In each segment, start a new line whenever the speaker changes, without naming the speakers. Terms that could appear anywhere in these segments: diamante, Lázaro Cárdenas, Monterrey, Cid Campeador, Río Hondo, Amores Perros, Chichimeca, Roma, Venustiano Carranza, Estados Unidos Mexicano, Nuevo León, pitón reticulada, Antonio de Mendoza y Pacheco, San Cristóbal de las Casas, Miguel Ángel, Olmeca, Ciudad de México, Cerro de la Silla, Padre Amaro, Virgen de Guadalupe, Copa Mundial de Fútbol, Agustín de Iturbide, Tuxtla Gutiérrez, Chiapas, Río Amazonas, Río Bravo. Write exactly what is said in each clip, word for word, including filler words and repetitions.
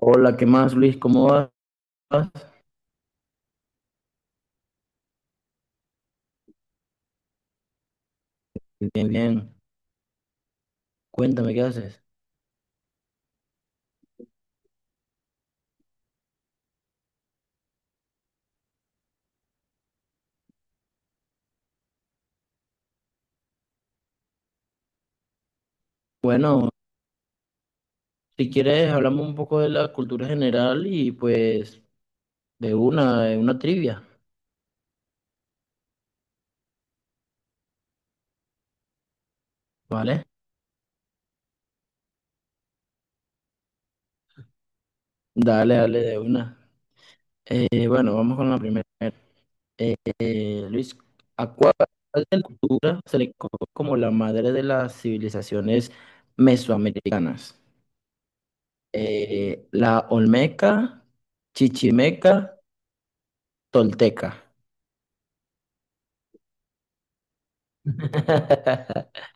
Hola, ¿qué más, Luis? ¿Cómo vas? Bien, bien. Cuéntame, ¿qué haces? Bueno, si quieres, hablamos un poco de la cultura general y pues de una, de una trivia, ¿vale? Dale, dale, de una. Eh, bueno, vamos con la primera. Eh, Luis, ¿a cuál de la cultura se le conoce como la madre de las civilizaciones mesoamericanas? Eh, la Olmeca, Chichimeca, Tolteca.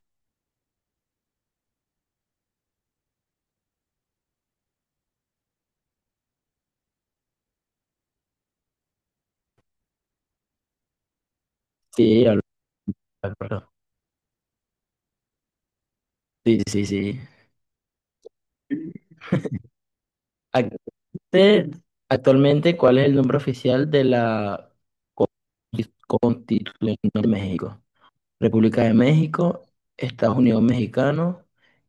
Sí, Álvaro. Sí, sí, sí. Ac- te- Actualmente, ¿cuál es el nombre oficial de la consti- Constitución de México? República de México, Estados Unidos Mexicano,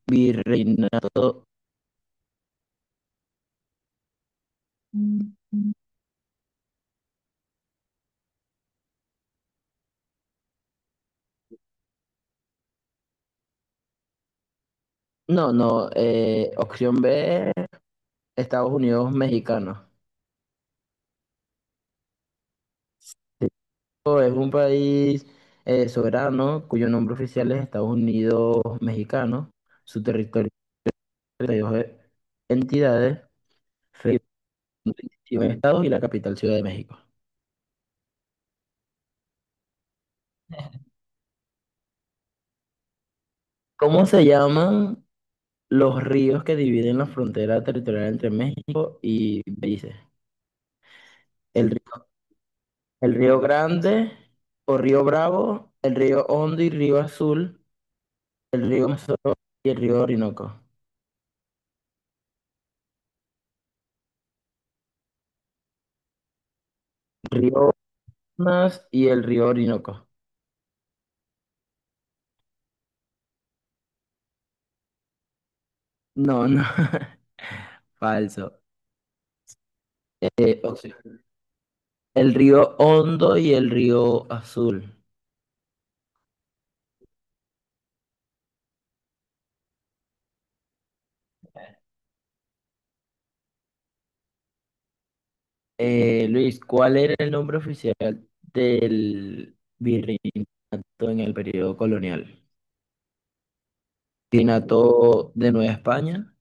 Virreinato. No, no, eh, opción B, Estados Unidos Mexicano. México Es un país eh, soberano cuyo nombre oficial es Estados Unidos Mexicano, su territorio es de treinta y dos entidades, veintiún estados y la capital Ciudad de México. ¿Cómo se llaman los ríos que dividen la frontera territorial entre México y Belice? El río, el río Grande o Río Bravo, el río Hondo y Río Azul, el río Amazonas y el río Orinoco. Río Amazonas y el río Orinoco. No, no, falso. Eh, opción: el río Hondo y el río Azul. Eh, Luis, ¿cuál era el nombre oficial del virreinato en el periodo colonial? Virreinato de Nueva España,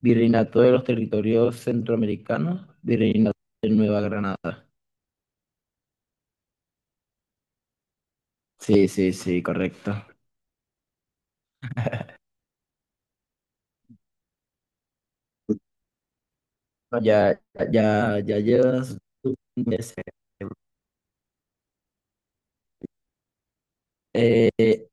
Virreinato de los Territorios Centroamericanos, Virreinato de Nueva Granada. Sí, sí, sí, correcto. Bueno, ya, ya, ya llevas tu- eh,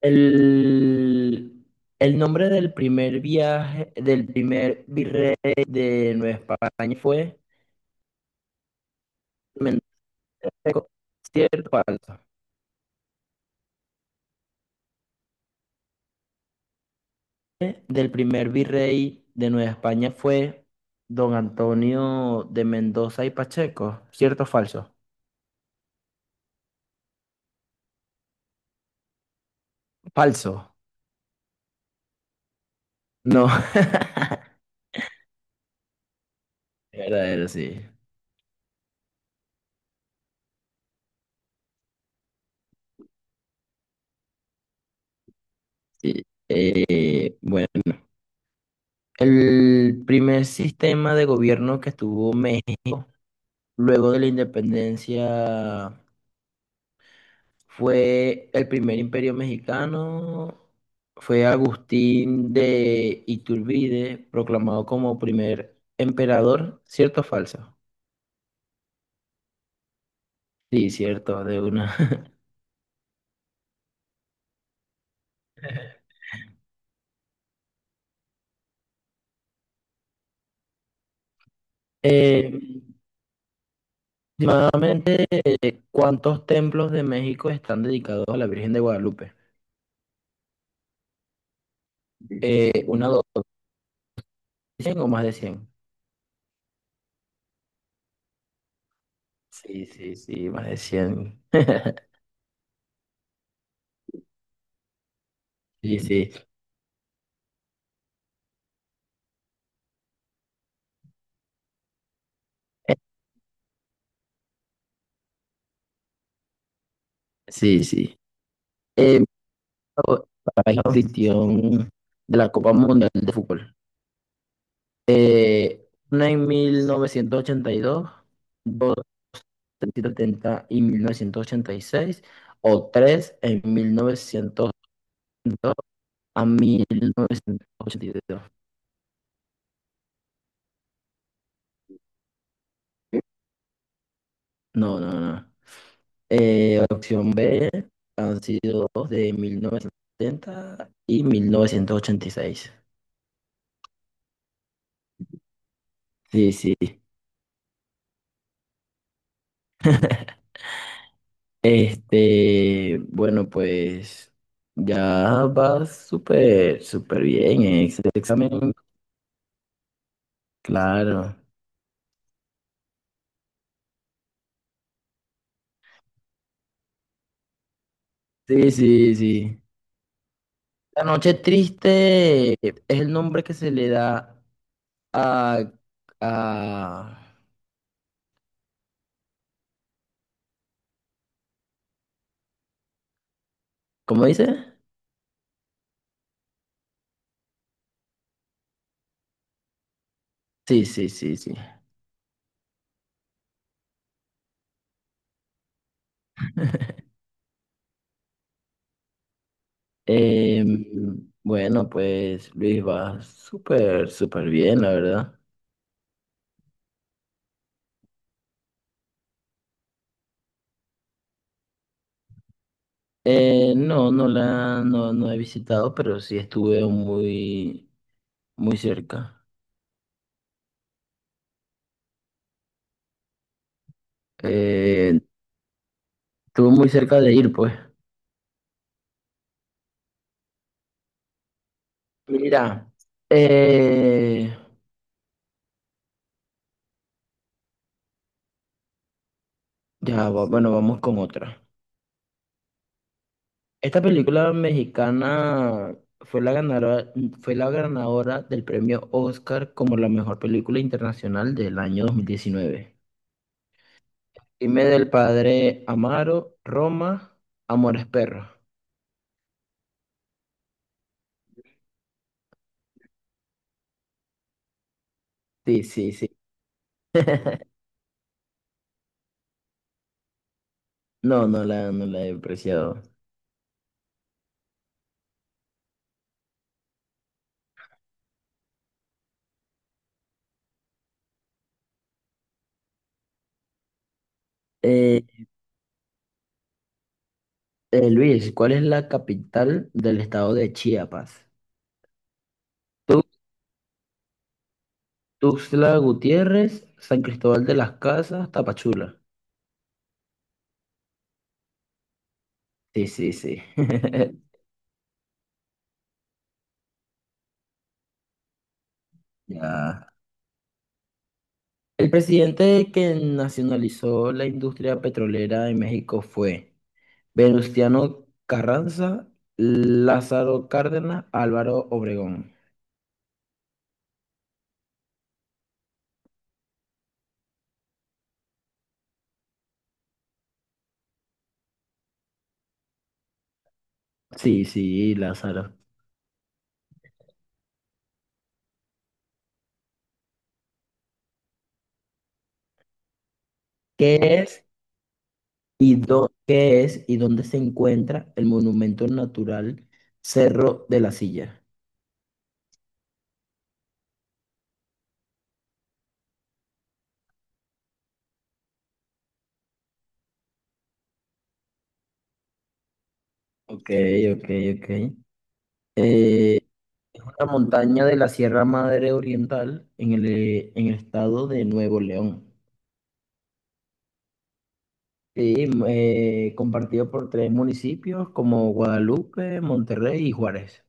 el, el nombre del primer viaje, del primer virrey de Nueva España fue Seco. ¿Cierto o falso? Eh, Del primer virrey de Nueva España fue don Antonio de Mendoza y Pacheco. ¿Cierto o falso? Falso. No. Verdadero, sí. Sí. Eh, bueno, el primer sistema de gobierno que tuvo México luego de la independencia Fue el primer imperio mexicano, fue Agustín de Iturbide, proclamado como primer emperador, ¿cierto o falso? Sí, cierto, de una. Eh, Aproximadamente, eh, ¿cuántos templos de México están dedicados a la Virgen de Guadalupe? Eh, ¿una, dos, cien o más de cien? Sí, sí, sí, más de cien. Sí, sí, sí, sí. Eh, para la inscripción de la Copa Mundial de Fútbol. Eh, una en mil novecientos ochenta y dos, dos en mil novecientos setenta y mil novecientos ochenta y seis, o tres en mil novecientos ochenta y dos a mil novecientos ochenta y dos. No, no, no. Eh, opción B, han sido dos: de mil novecientos setenta y mil novecientos ochenta y seis. Sí, sí. Este, bueno, pues ya va súper, súper bien en ese examen, claro. Sí, sí, sí. La noche triste es el nombre que se le da a, a- ¿cómo dice? Sí, sí, sí, sí. Em, bueno, pues Luis va súper, súper bien, la verdad. Eh, no, no la, no, no he visitado, pero sí estuve muy, muy cerca. Eh, Estuve muy cerca de ir, pues. Mira, eh, ya, va- bueno, vamos con otra. Esta película mexicana fue la ganadora, fue la ganadora del premio Oscar como la mejor película internacional del año dos mil diecinueve. Dime, del padre Amaro, Roma, Amores Perros. Sí, sí, sí. No, no la, no la he apreciado. Eh, eh, Luis, ¿cuál es la capital del estado de Chiapas? Tu- Tuxtla Gutiérrez, San Cristóbal de las Casas, Tapachula. Sí, sí, sí. Ya. El presidente que nacionalizó la industria petrolera en México fue Venustiano Carranza, Lázaro Cárdenas, Álvaro Obregón. Sí, sí, Lázaro. ¿Qué es y dó- qué es y dónde se encuentra el monumento natural Cerro de la Silla? Ok, ok, ok. Eh, es una montaña de la Sierra Madre Oriental en el, eh, en el estado de Nuevo León. Sí, eh, compartido por tres municipios como Guadalupe, Monterrey y Juárez.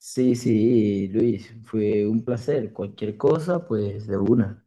Sí, sí, Luis, fue un placer. Cualquier cosa, pues de una.